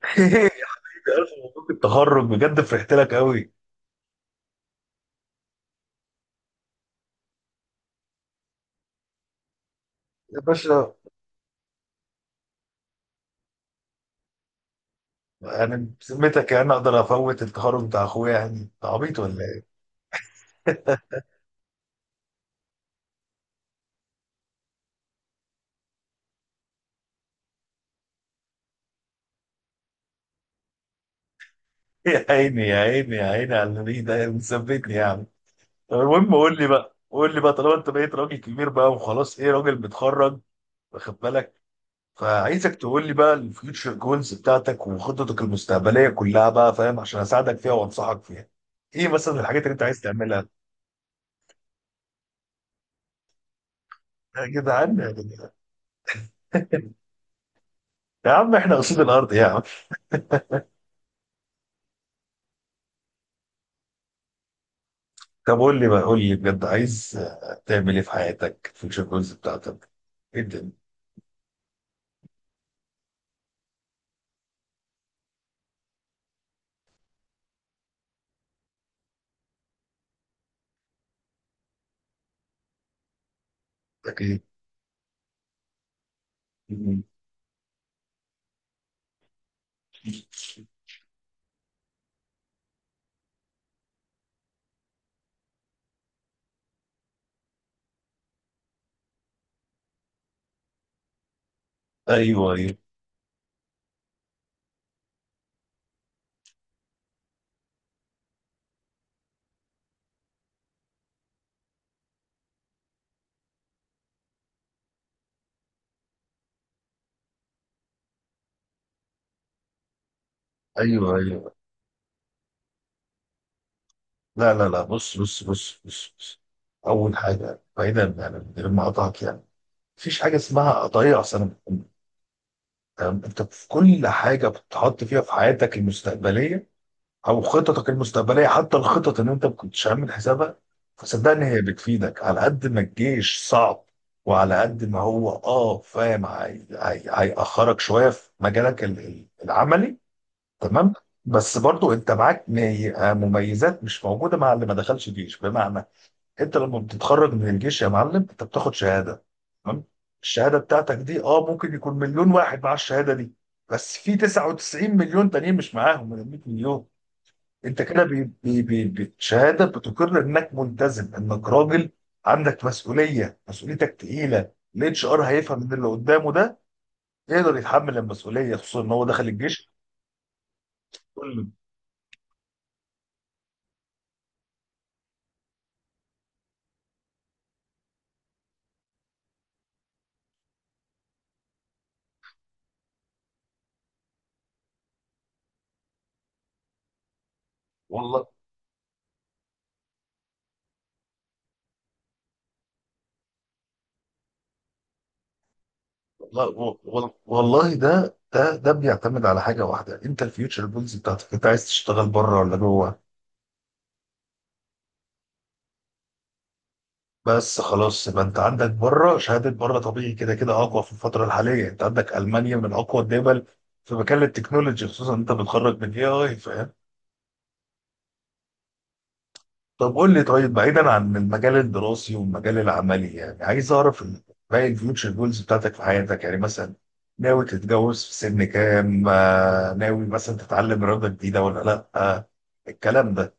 ألف مبروك التخرج بجد فرحت لك قوي. يا باشا، أنا بذمتك يعني أقدر أفوت التخرج بتاع أخويا؟ يعني أنت عبيط ولا إيه؟ يا عيني يا عيني يا عيني على النبي، ده مثبتني يعني. طب المهم قول لي بقى، قول لي بقى، طالما أنت بقيت راجل كبير بقى وخلاص، إيه راجل متخرج واخد بالك؟ فعايزك تقول لي بقى الفيوتشر جولز بتاعتك وخططك المستقبلية كلها بقى، فاهم، عشان أساعدك فيها وأنصحك فيها. إيه مثلا الحاجات اللي أنت عايز تعملها؟ يا جدعان يا جدعان. يا عم إحنا قصاد الأرض يا عم. طب قول لي بقى، قول لي بجد، عايز تعمل ايه في حياتك؟ في الجوز بتاعتك ايه الدنيا بتاعتك ايه؟ مم. ايوه، ايوه. ايوه، ايوه. لا لا لا، بص بص بص بص، بص. اول حاجه، بعيدا يعني، من غير ما اقطعك يعني، مفيش حاجه اسمها اضيع سنه من عمري. تمام، انت في كل حاجه بتحط فيها في حياتك المستقبليه او خططك المستقبليه، حتى الخطط اللي انت ما كنتش عامل حسابها، فصدقني هي بتفيدك. على قد ما الجيش صعب وعلى قد ما هو فاهم، هيأخرك شويه في مجالك العملي، تمام؟ بس برضو انت معاك مميزات مش موجوده مع اللي ما دخلش جيش. بمعنى انت لما بتتخرج من الجيش يا معلم، انت بتاخد شهاده، تمام. الشهاده بتاعتك دي اه ممكن يكون مليون واحد مع الشهاده دي، بس في 99 مليون تانيين مش معاهم من 100 مليون. انت كده بالشهاده بتقر انك ملتزم، انك راجل عندك مسؤوليه، مسؤوليتك تقيله، الاتش ار هيفهم ان اللي قدامه ده يقدر يتحمل المسؤوليه، خصوصا ان هو دخل الجيش. كل- والله والله، والله والله، ده بيعتمد على حاجه واحده. انت الفيوتشر بولز بتاعتك انت عايز تشتغل بره ولا جوه؟ بس خلاص، يبقى انت عندك بره شهاده، بره طبيعي كده كده اقوى في الفتره الحاليه. انت عندك المانيا من اقوى الدول في مجال التكنولوجي، خصوصا انت بتخرج من اي فاهم. طب قول لي، طيب بعيدا عن المجال الدراسي والمجال العملي، يعني عايز اعرف باقي الفيوتشر جولز بتاعتك في حياتك، يعني مثلا ناوي تتجوز في سن كام؟ آه، ناوي مثلا تتعلم رياضة جديدة ولا لا؟ آه، الكلام ده.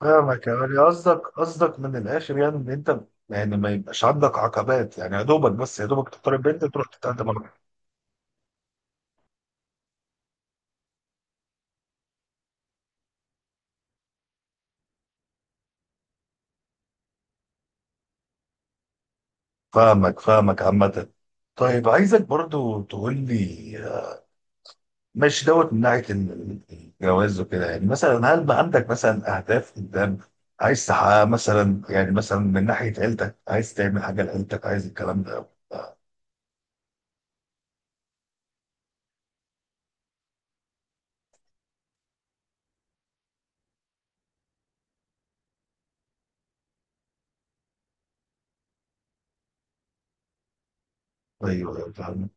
فاهمك، يعني قصدك من الاخر يعني ان انت يعني ما يبقاش عندك عقبات يعني، يا دوبك بس، يا دوبك تختار البنت تروح تتقدم فاهمك، فاهمك عامة. طيب عايزك برضو تقول لي، مش دوت من ناحيه الجواز وكده، يعني مثلا هل بقى عندك مثلا اهداف قدام عايز تحققها؟ مثلا يعني مثلا من ناحيه عيلتك، عايز تعمل حاجه لعيلتك؟ عايز الكلام ده؟ ايوه، ايوه، فاهمك.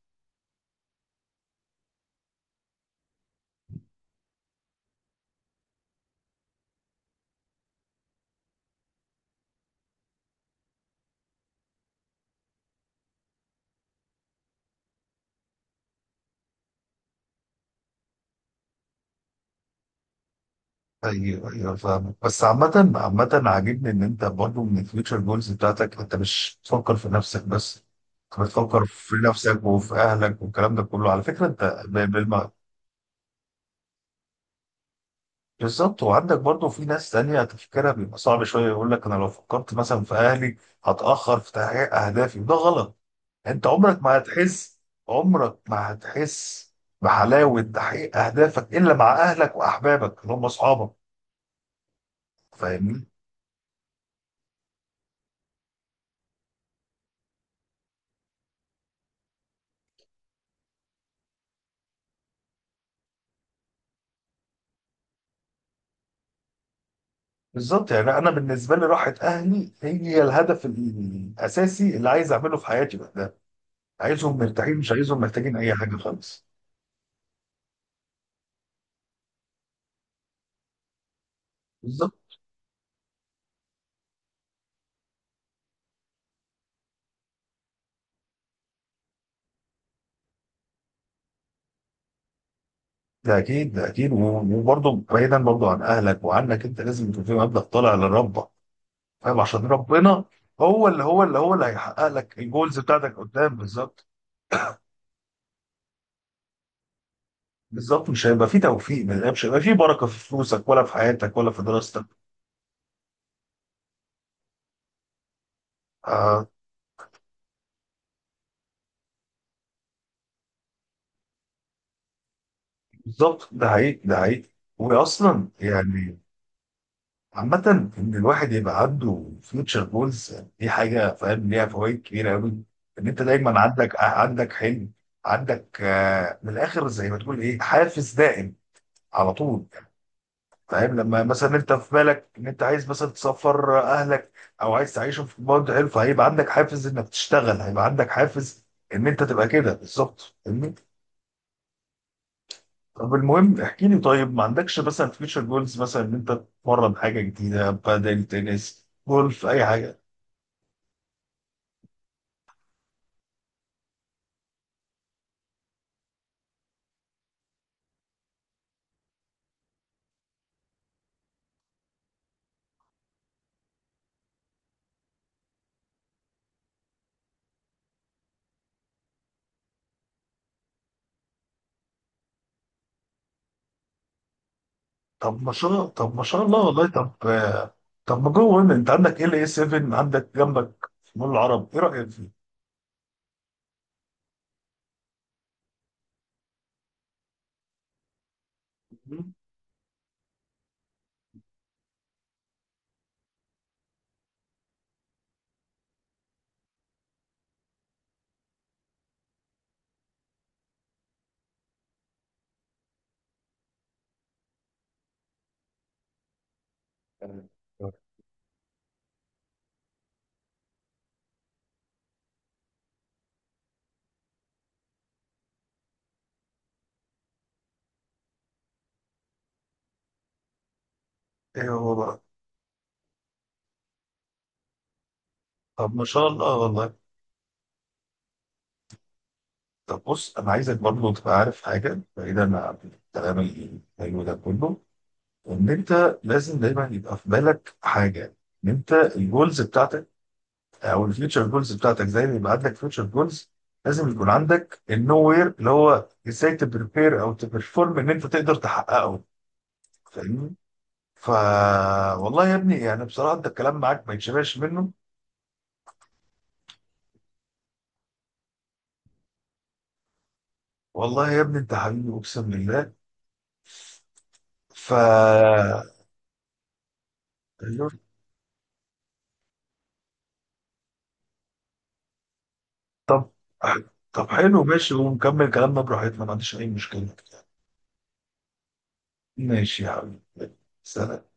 ايوه، ايوه، فاهمك. بس عامه، عامه، عاجبني ان انت برضو من الفيوتشر جولز بتاعتك انت مش بتفكر في نفسك بس، انت بتفكر في نفسك وفي اهلك والكلام ده كله. على فكره انت بالظبط. وعندك برضه في ناس تانية تفكيرها بيبقى صعب شوية، يقول لك أنا لو فكرت مثلا في أهلي هتأخر في تحقيق أهدافي، وده غلط. أنت عمرك ما هتحس، عمرك ما هتحس بحلاوة تحقيق أهدافك إلا مع أهلك وأحبابك اللي هم أصحابك، فاهمني؟ بالظبط. يعني أنا بالنسبة لي راحة أهلي هي الهدف الأساسي اللي عايز أعمله في حياتي بقى، ده عايزهم مرتاحين، مش عايزهم محتاجين أي حاجة خالص. بالظبط. ده اكيد، ده اكيد وبرضه بعيدا برضه عن اهلك وعنك، انت لازم يكون في مبدأ طالع لربك، فاهم، عشان ربنا هو اللي هيحقق لك الجولز بتاعتك قدام، بالظبط. بالظبط، مش هيبقى في توفيق الله، مش هيبقى في بركه في فلوسك ولا في حياتك ولا في دراستك. آه، بالظبط، ده حقيقي، ده حقيقي. واصلا يعني عامة إن الواحد يبقى عنده فيوتشر جولز دي حاجة، فاهم، ليها فوائد كبيرة أوي. إن أنت دايما عندك حلم، عندك آه، من الآخر زي ما تقول إيه، حافز دائم على طول. فاهم، لما مثلا أنت في بالك إن أنت عايز مثلا تسفر أهلك أو عايز تعيشهم في كومباوند حلو، فهيبقى عندك حافز إنك تشتغل، هيبقى عندك حافز إن أنت تبقى كده، بالظبط، فاهمني؟ طب المهم احكي لي، طيب ما عندكش مثلا فيوتشر جولز مثلا إن أنت تتمرن حاجة جديدة؟ بدل تنس، جولف، أي حاجة. طب ما شاء الله والله، طب آه، طب ما جو. هنا انت عندك ال اي 7، عندك جنبك مول العرب، ايه رايك فيه؟ مم. تمام. ايه هو بقى؟ طب ما شاء الله والله. طب بص، انا عايزك برضه تبقى عارف حاجه بعيدا عن الكلام الحلو ده كله، ان انت لازم دايما يبقى في بالك حاجه، ان انت الجولز بتاعتك او الفيوتشر جولز بتاعتك، زي ما يبقى عندك فيوتشر جولز لازم يكون عندك النو وير اللي هو ازاي تبريبير او تبرفورم ان انت تقدر تحققه، فاهمني؟ ف والله يا ابني، يعني بصراحه انت الكلام معاك ما يتشبعش منه. والله يا ابني انت حبيبي، اقسم بالله. ف طب، طب حلو، ماشي، ونكمل كلامنا براحتنا، ما عنديش اي مشكله. ماشي يا حبيبي، سلام.